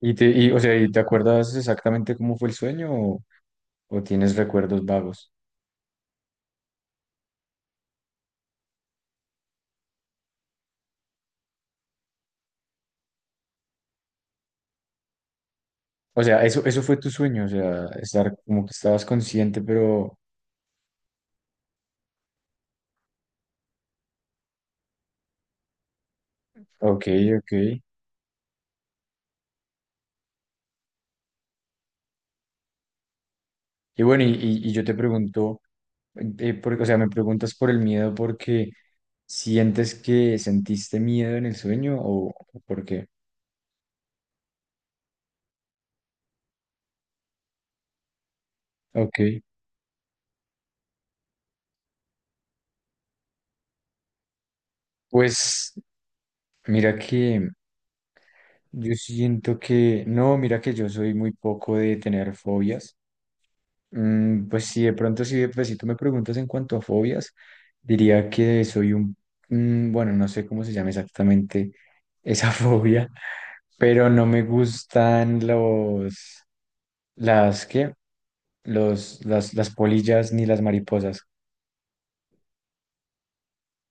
¿Y te, y, o sea, ¿y te acuerdas exactamente cómo fue el sueño o tienes recuerdos vagos? O sea, eso fue tu sueño, o sea, estar como que estabas consciente, pero ok, ok. Y bueno, y yo te pregunto, por- o sea, me preguntas por el miedo porque sientes que sentiste miedo en el sueño o por qué. Ok, pues mira que yo siento que, no, mira que yo soy muy poco de tener fobias. Pues sí, de pronto, si, pues, si tú me preguntas en cuanto a fobias, diría que soy un, bueno, no sé cómo se llama exactamente esa fobia, pero no me gustan los, las, ¿qué? Los, las polillas ni las mariposas.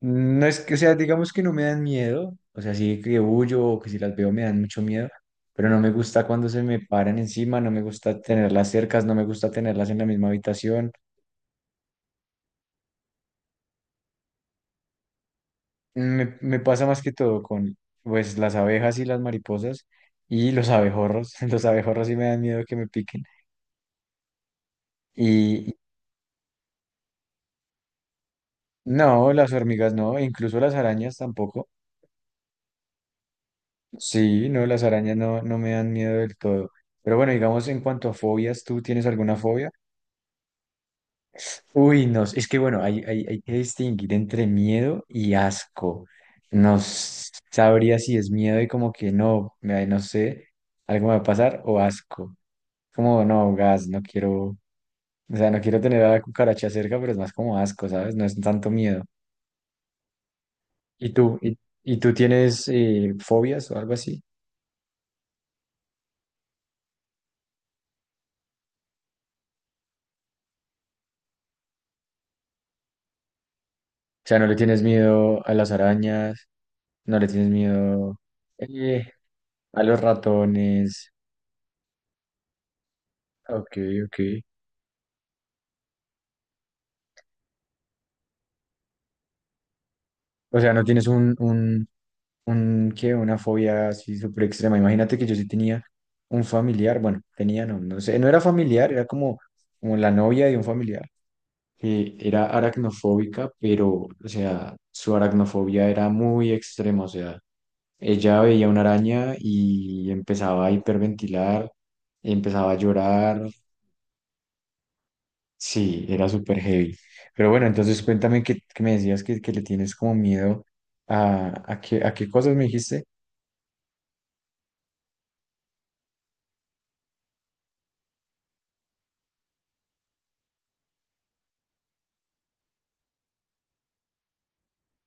No es que, o sea, digamos que no me dan miedo, o sea, sí que huyo o que si las veo me dan mucho miedo, pero no me gusta cuando se me paran encima, no me gusta tenerlas cercas, no me gusta tenerlas en la misma habitación. Me pasa más que todo con pues las abejas y las mariposas y los abejorros. Los abejorros sí me dan miedo que me piquen. Y no, las hormigas no, e incluso las arañas tampoco. Sí, no, las arañas no, no me dan miedo del todo. Pero bueno, digamos en cuanto a fobias, ¿tú tienes alguna fobia? Uy, no, es que bueno, hay que distinguir entre miedo y asco. No s- sabría si es miedo y como que no, me- no sé, algo me va a pasar o asco. Como, no, gas, no quiero, o sea, no quiero tener a la cucaracha cerca, pero es más como asco, ¿sabes? No es tanto miedo. ¿Y tú? ¿Y tú tienes fobias o algo así? O sea, ¿no le tienes miedo a las arañas? ¿No le tienes miedo eh, a los ratones? Ok, ok. O sea, ¿no tienes un, qué, una fobia así súper extrema? Imagínate que yo sí tenía un familiar, bueno, tenía, no, no sé, no era familiar, era como, como la novia de un familiar que era aracnofóbica, pero, o sea, su aracnofobia era muy extrema, o sea, ella veía una araña y empezaba a hiperventilar, empezaba a llorar, sí, era súper heavy. Pero bueno, entonces cuéntame que me decías que le tienes como miedo a qué cosas me dijiste,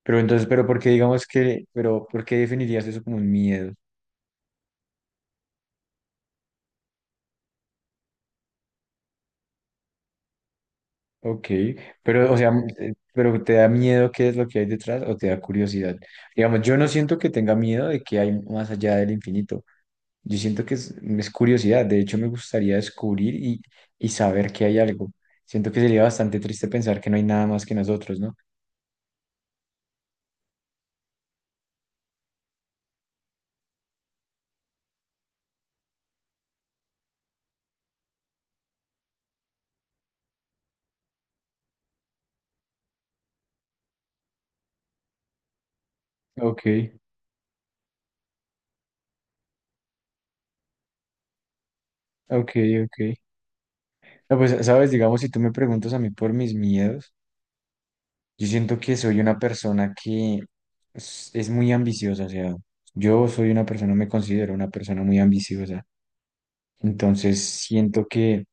pero entonces, pero ¿por qué digamos que, pero ¿por qué definirías eso como un miedo? Ok, pero, o sea, pero ¿te da miedo qué es lo que hay detrás o te da curiosidad? Digamos, yo no siento que tenga miedo de que hay más allá del infinito. Yo siento que es, es curiosidad. De hecho, me gustaría descubrir y saber que hay algo. Siento que sería bastante triste pensar que no hay nada más que nosotros, ¿no? Ok, ok, ok. No, pues, sabes, digamos, si tú me preguntas a mí por mis miedos, yo siento que soy una persona que es muy ambiciosa. O sea, yo soy una persona, me considero una persona muy ambiciosa. Entonces siento que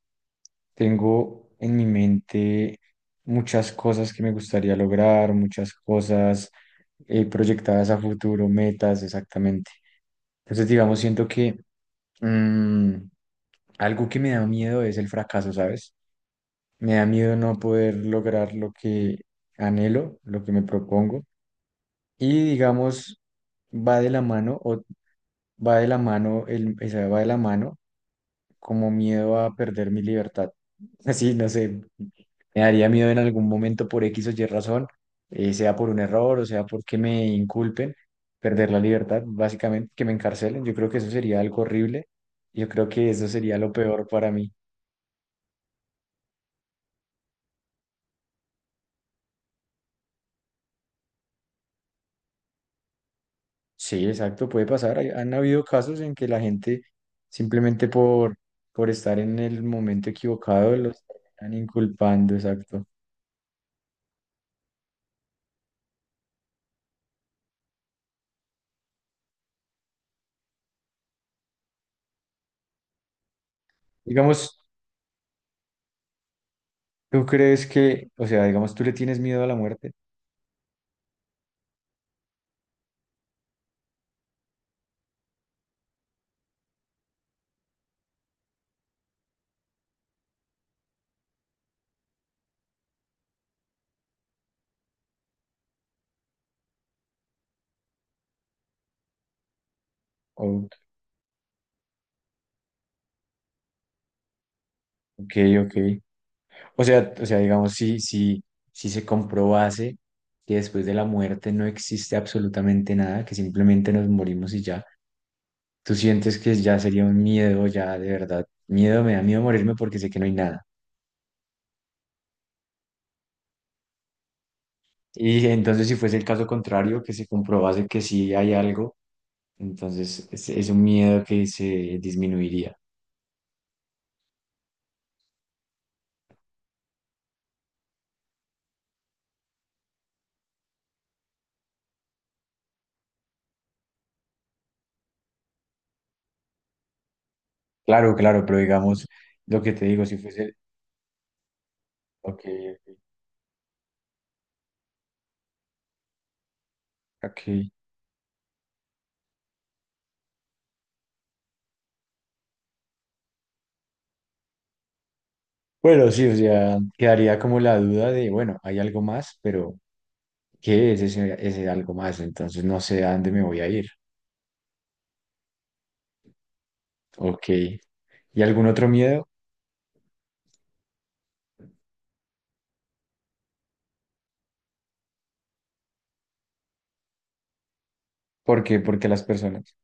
tengo en mi mente muchas cosas que me gustaría lograr, muchas cosas proyectadas a futuro, metas, exactamente. Entonces, digamos, siento que mm, algo que me da miedo es el fracaso, ¿sabes? Me da miedo no poder lograr lo que anhelo, lo que me propongo. Y digamos, va de la mano, o va de la mano, el, o sea, va de la mano como miedo a perder mi libertad. Así, no sé, me daría miedo en algún momento por X o Y razón, sea por un error o sea porque me inculpen, perder la libertad, básicamente que me encarcelen. Yo creo que eso sería algo horrible. Yo creo que eso sería lo peor para mí. Sí, exacto, puede pasar. Hay- Han habido casos en que la gente simplemente por estar en el momento equivocado los están inculpando, exacto. Digamos, ¿tú crees que, o sea, digamos, tú le tienes miedo a la muerte? Ok, ok. O sea, digamos, si se comprobase que después de la muerte no existe absolutamente nada, que simplemente nos morimos y ya, tú sientes que ya sería un miedo, ya de verdad, miedo, me da miedo morirme porque sé que no hay nada. Y entonces, si fuese el caso contrario, que se comprobase que sí hay algo, entonces es un miedo que se disminuiría. Claro, claro, pero digamos, lo que te digo, si fuese, ok, ok. Bueno, sí, o sea, quedaría como la duda de, bueno, hay algo más, pero ¿qué es ese, ese algo más? Entonces no sé a dónde me voy a ir. Ok. ¿Y algún otro miedo? ¿Por qué? Porque las personas.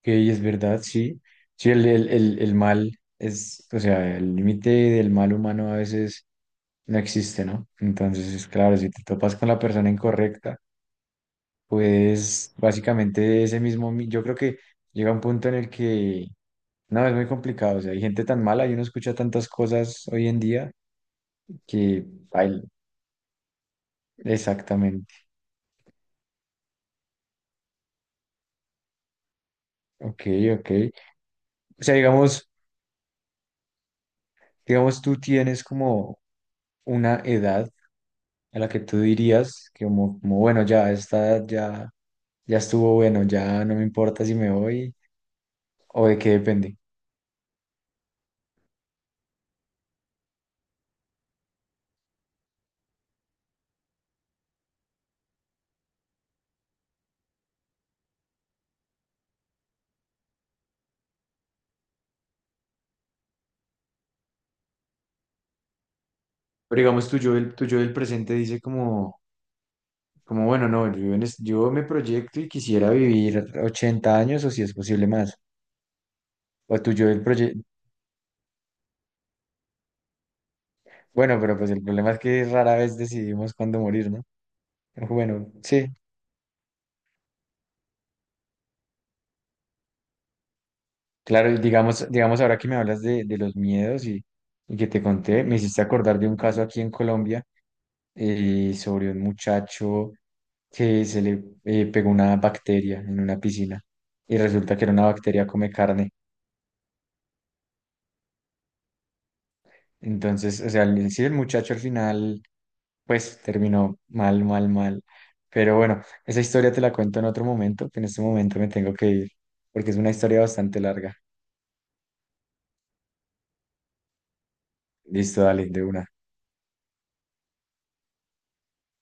Ok, es verdad, sí. Sí, el mal es, o sea, el límite del mal humano a veces no existe, ¿no? Entonces, claro, si te topas con la persona incorrecta, pues básicamente ese mismo, mi- yo creo que llega un punto en el que No, es muy complicado. O sea, hay gente tan mala y uno escucha tantas cosas hoy en día que baila. Exactamente. Ok, ok. O sea, digamos, digamos, tú tienes como una edad a la que tú dirías que como, como bueno, ya, esta edad ya, ya estuvo bueno, ya no me importa si me voy o de qué depende. Pero digamos, tu yo del presente dice como, como bueno, no, yo, en es- yo me proyecto y quisiera vivir 80 años o si es posible más. O tu yo del, proye- Bueno, pero pues el problema es que rara vez decidimos cuándo morir, ¿no? Bueno, sí, claro, y digamos, digamos ahora que me hablas de los miedos y que te conté, me hiciste acordar de un caso aquí en Colombia sobre un muchacho que se le pegó una bacteria en una piscina y resulta que era una bacteria come carne. Entonces, o sea, el- sí, el muchacho al final, pues terminó mal, mal, mal. Pero bueno, esa historia te la cuento en otro momento, que en este momento me tengo que ir, porque es una historia bastante larga. Listo, dale, de una.